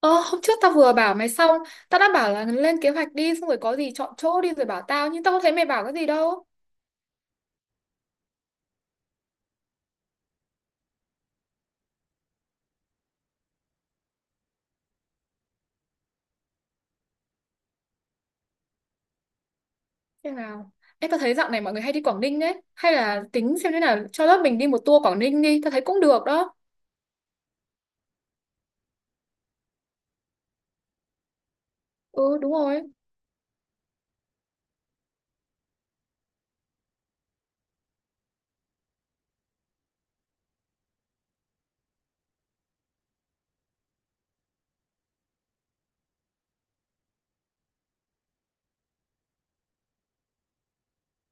Ờ, Hôm trước tao vừa bảo mày xong, tao đã bảo là lên kế hoạch đi, xong rồi có gì chọn chỗ đi rồi bảo tao, nhưng tao không thấy mày bảo cái gì đâu. Thế nào? Ê, tao thấy dạo này mọi người hay đi Quảng Ninh đấy. Hay là tính xem thế nào, cho lớp mình đi một tour Quảng Ninh đi, tao thấy cũng được đó. Ừ, đúng rồi.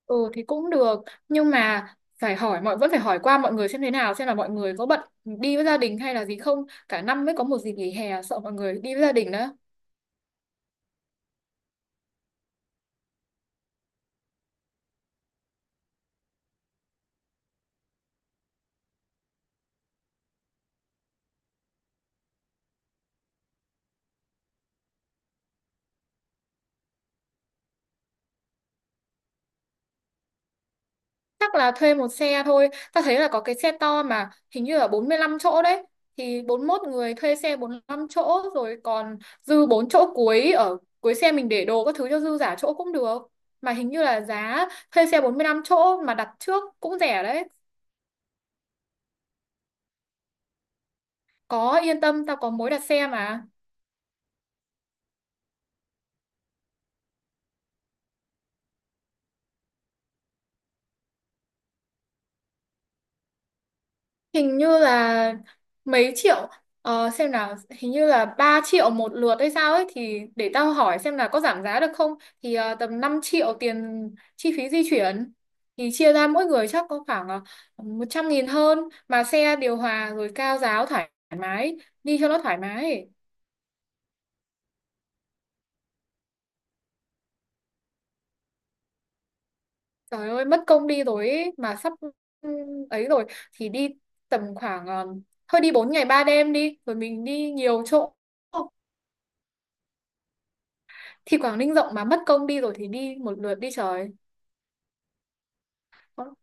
Ừ, thì cũng được. Nhưng mà phải hỏi, mọi vẫn phải hỏi qua mọi người xem thế nào, xem là mọi người có bận đi với gia đình hay là gì không. Cả năm mới có một dịp nghỉ hè, sợ mọi người đi với gia đình đó. Chắc là thuê một xe thôi, ta thấy là có cái xe to mà hình như là 45 chỗ đấy. Thì 41 người thuê xe 45 chỗ rồi, còn dư 4 chỗ cuối ở cuối xe mình để đồ các thứ cho dư giả chỗ cũng được. Mà hình như là giá thuê xe 45 chỗ mà đặt trước cũng rẻ đấy. Có, yên tâm, tao có mối đặt xe mà. Hình như là mấy triệu, xem nào, hình như là 3 triệu một lượt hay sao ấy, thì để tao hỏi xem là có giảm giá được không. Thì tầm 5 triệu tiền chi phí di chuyển, thì chia ra mỗi người chắc có khoảng 100.000 hơn. Mà xe điều hòa rồi cao giáo thoải mái, đi cho nó thoải mái. Trời ơi mất công đi rồi ấy, mà sắp ừ, ấy rồi thì đi tầm khoảng thôi đi 4 ngày 3 đêm đi rồi mình đi nhiều chỗ. Thì Quảng Ninh rộng mà, mất công đi rồi thì đi một lượt đi trời. Có.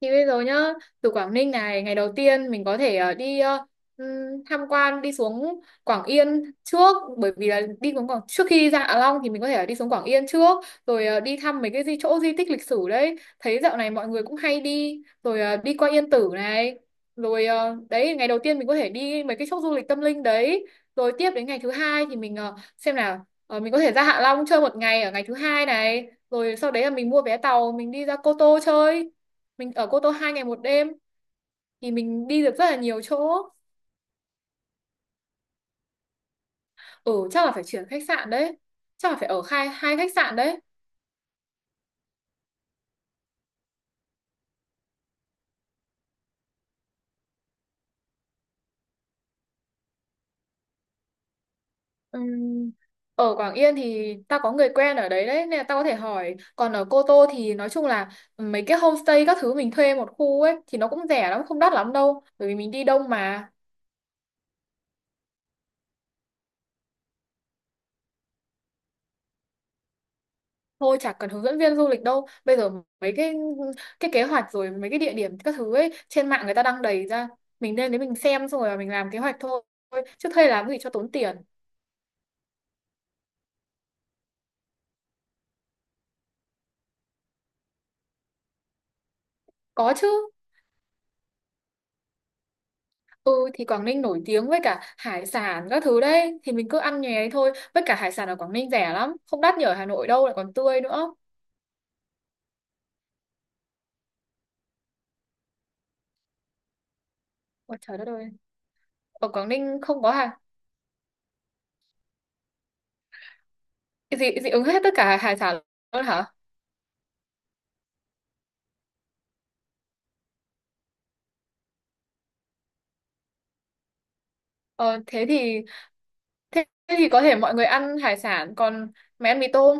Thì bây giờ nhá, từ Quảng Ninh này, ngày đầu tiên mình có thể đi ừm, tham quan đi xuống Quảng Yên trước, bởi vì là đi xuống Quảng trước khi ra Hạ Long thì mình có thể là đi xuống Quảng Yên trước. Rồi đi thăm mấy cái chỗ di tích lịch sử đấy. Thấy dạo này mọi người cũng hay đi rồi đi qua Yên Tử này. Rồi đấy, ngày đầu tiên mình có thể đi mấy cái chỗ du lịch tâm linh đấy. Rồi tiếp đến ngày thứ hai thì mình xem nào, mình có thể ra Hạ Long chơi một ngày ở ngày thứ hai này. Rồi sau đấy là mình mua vé tàu mình đi ra Cô Tô chơi. Mình ở Cô Tô 2 ngày 1 đêm thì mình đi được rất là nhiều chỗ. Ừ, chắc là phải chuyển khách sạn đấy. Chắc là phải ở hai hai khách sạn đấy. Ừm, Ở Quảng Yên thì tao có người quen ở đấy đấy nên là tao có thể hỏi. Còn ở Cô Tô thì nói chung là mấy cái homestay các thứ mình thuê một khu ấy thì nó cũng rẻ lắm, không đắt lắm đâu. Bởi vì mình đi đông mà. Thôi chả cần hướng dẫn viên du lịch đâu. Bây giờ mấy cái kế hoạch rồi mấy cái địa điểm các thứ ấy trên mạng người ta đăng đầy ra. Mình lên đấy mình xem xong rồi mình làm kế hoạch thôi. Chứ thuê làm gì cho tốn tiền. Có chứ. Ừ thì Quảng Ninh nổi tiếng với cả hải sản các thứ đấy thì mình cứ ăn nhè đấy thôi. Với cả hải sản ở Quảng Ninh rẻ lắm, không đắt như ở Hà Nội đâu lại còn tươi nữa. Ôi trời đất ơi. Ở Quảng Ninh không có hải, dị dị ứng hết tất cả hải sản luôn hả? Ờ thế thì thế thì có thể mọi người ăn hải sản, còn mày ăn mì tôm.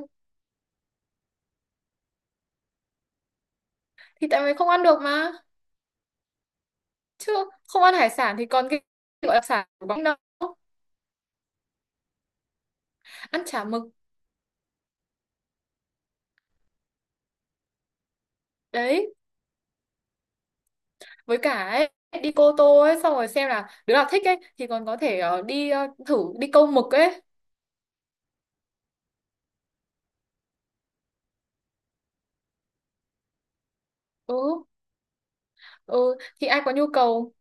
Thì tại mày không ăn được mà. Chứ không ăn hải sản thì còn cái gọi là sản của Quảng Ninh đâu. Ăn chả mực đấy. Với cả ấy đi Cô Tô ấy xong rồi xem là đứa nào thích ấy thì còn có thể đi thử đi câu mực ấy. Ừ, ừ, thì ai có nhu cầu.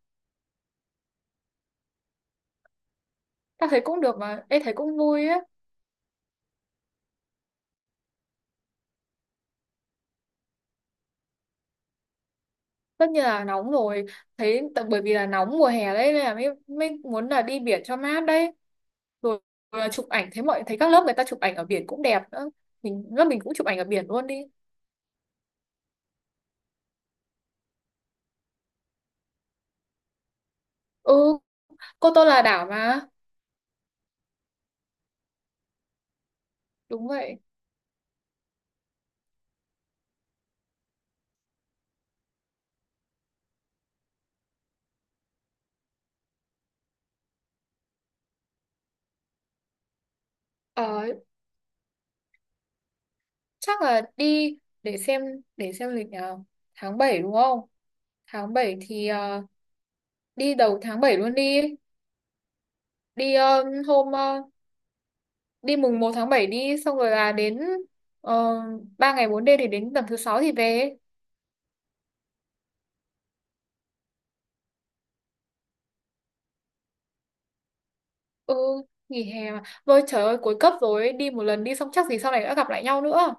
Ta thấy cũng được mà, ê, thấy cũng vui ấy. Tất nhiên là nóng rồi. Thấy bởi vì là nóng mùa hè đấy nên là mới muốn là đi biển cho mát đấy. Rồi chụp ảnh, thấy các lớp người ta chụp ảnh ở biển cũng đẹp nữa. Lớp mình cũng chụp ảnh ở biển luôn đi. Ừ, Cô Tô là đảo mà. Đúng vậy. Ờ, Chắc là đi, để xem để xem lịch nào, tháng 7 đúng không? Tháng 7 thì đi đầu tháng 7 luôn đi. đi ờ, hôm ờ, Đi mùng 1 tháng 7, đi xong rồi là đến uh, 3 ngày 4 đêm thì đến tầm thứ sáu thì về. Ừ. Nghỉ hè mà vôi trời ơi, cuối cấp rồi ấy, đi một lần đi xong chắc gì sau này đã gặp lại nhau nữa.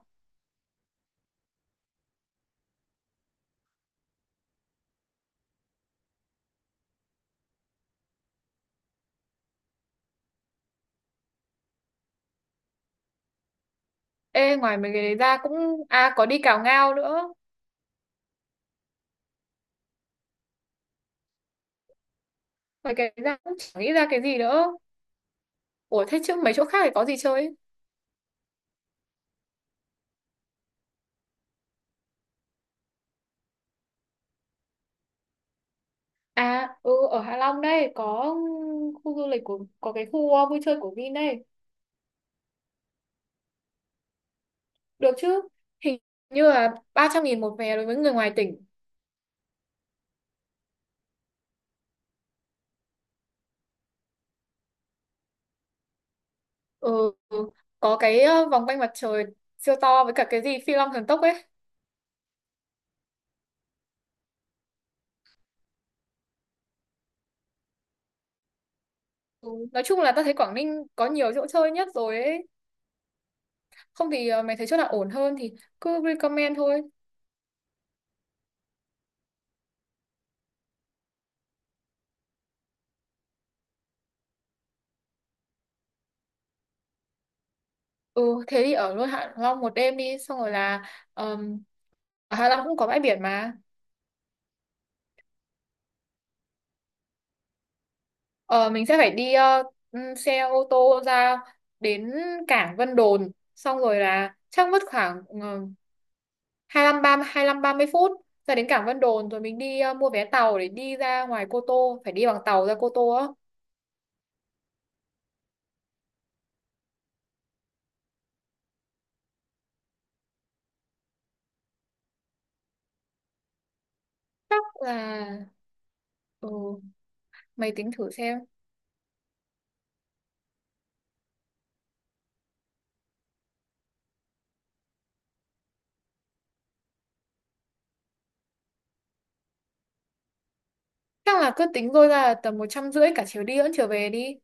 Ê, ngoài mấy cái đấy ra cũng, à, có đi cào ngao nữa. Ngoài cái đấy ra cũng chẳng nghĩ ra cái gì nữa. Ủa, thế chứ mấy chỗ khác thì có gì chơi? À, ừ, ở Hạ Long đây có khu du lịch có cái khu vui chơi của Vin đây. Được chứ? Hình như là 300.000 một vé đối với người ngoài tỉnh. Ừ, có cái vòng quanh mặt trời siêu to, với cả cái gì Phi Long thần tốc ấy. Ừ, nói chung là ta thấy Quảng Ninh có nhiều chỗ chơi nhất rồi ấy. Không thì mày thấy chỗ nào ổn hơn thì cứ recommend thôi. Ừ, thế thì ở luôn Hạ Long một đêm đi, xong rồi là um, ở Hạ Long cũng có bãi biển mà. Ờ, mình sẽ phải đi xe ô tô ra đến cảng Vân Đồn, xong rồi là chắc mất khoảng 25 30 25 30 phút ra đến cảng Vân Đồn. Rồi mình đi mua vé tàu để đi ra ngoài Cô Tô, phải đi bằng tàu ra Cô Tô á. Chắc là, ừ, mày tính thử xem. Chắc là cứ tính thôi, ra là tầm 150 cả chiều đi lẫn chiều về đi.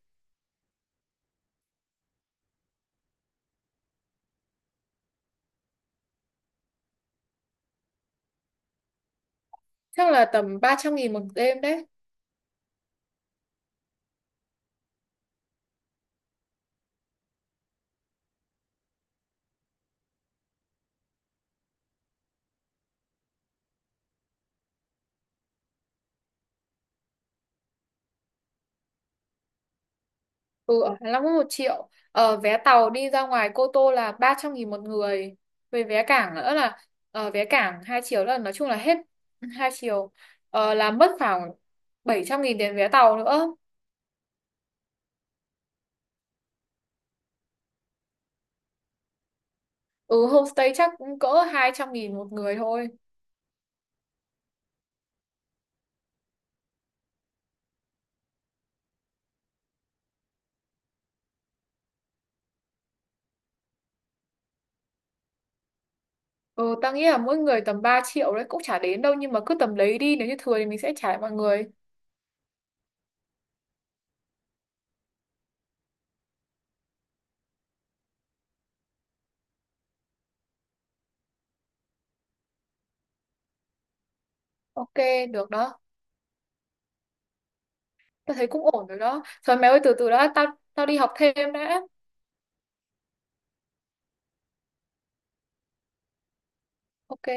Chắc là tầm 300.000 một đêm đấy. Ừ, ở Hạ Long có 1 triệu. Ờ, vé tàu đi ra ngoài Cô Tô là 300.000 một người. Về vé cảng nữa là vé cảng 2 triệu, là nói chung là hết 2 triệu. Ờ, là mất khoảng 700.000 tiền vé tàu nữa. Ừ, homestay chắc cũng cỡ 200.000 một người thôi. Ừ, tao nghĩ là mỗi người tầm 3 triệu đấy cũng chả đến đâu nhưng mà cứ tầm đấy đi, nếu như thừa thì mình sẽ trả lại mọi người. Ok, được đó. Tao thấy cũng ổn rồi đó. Thôi mày ơi từ từ đã, tao tao đi học thêm đã. Ok.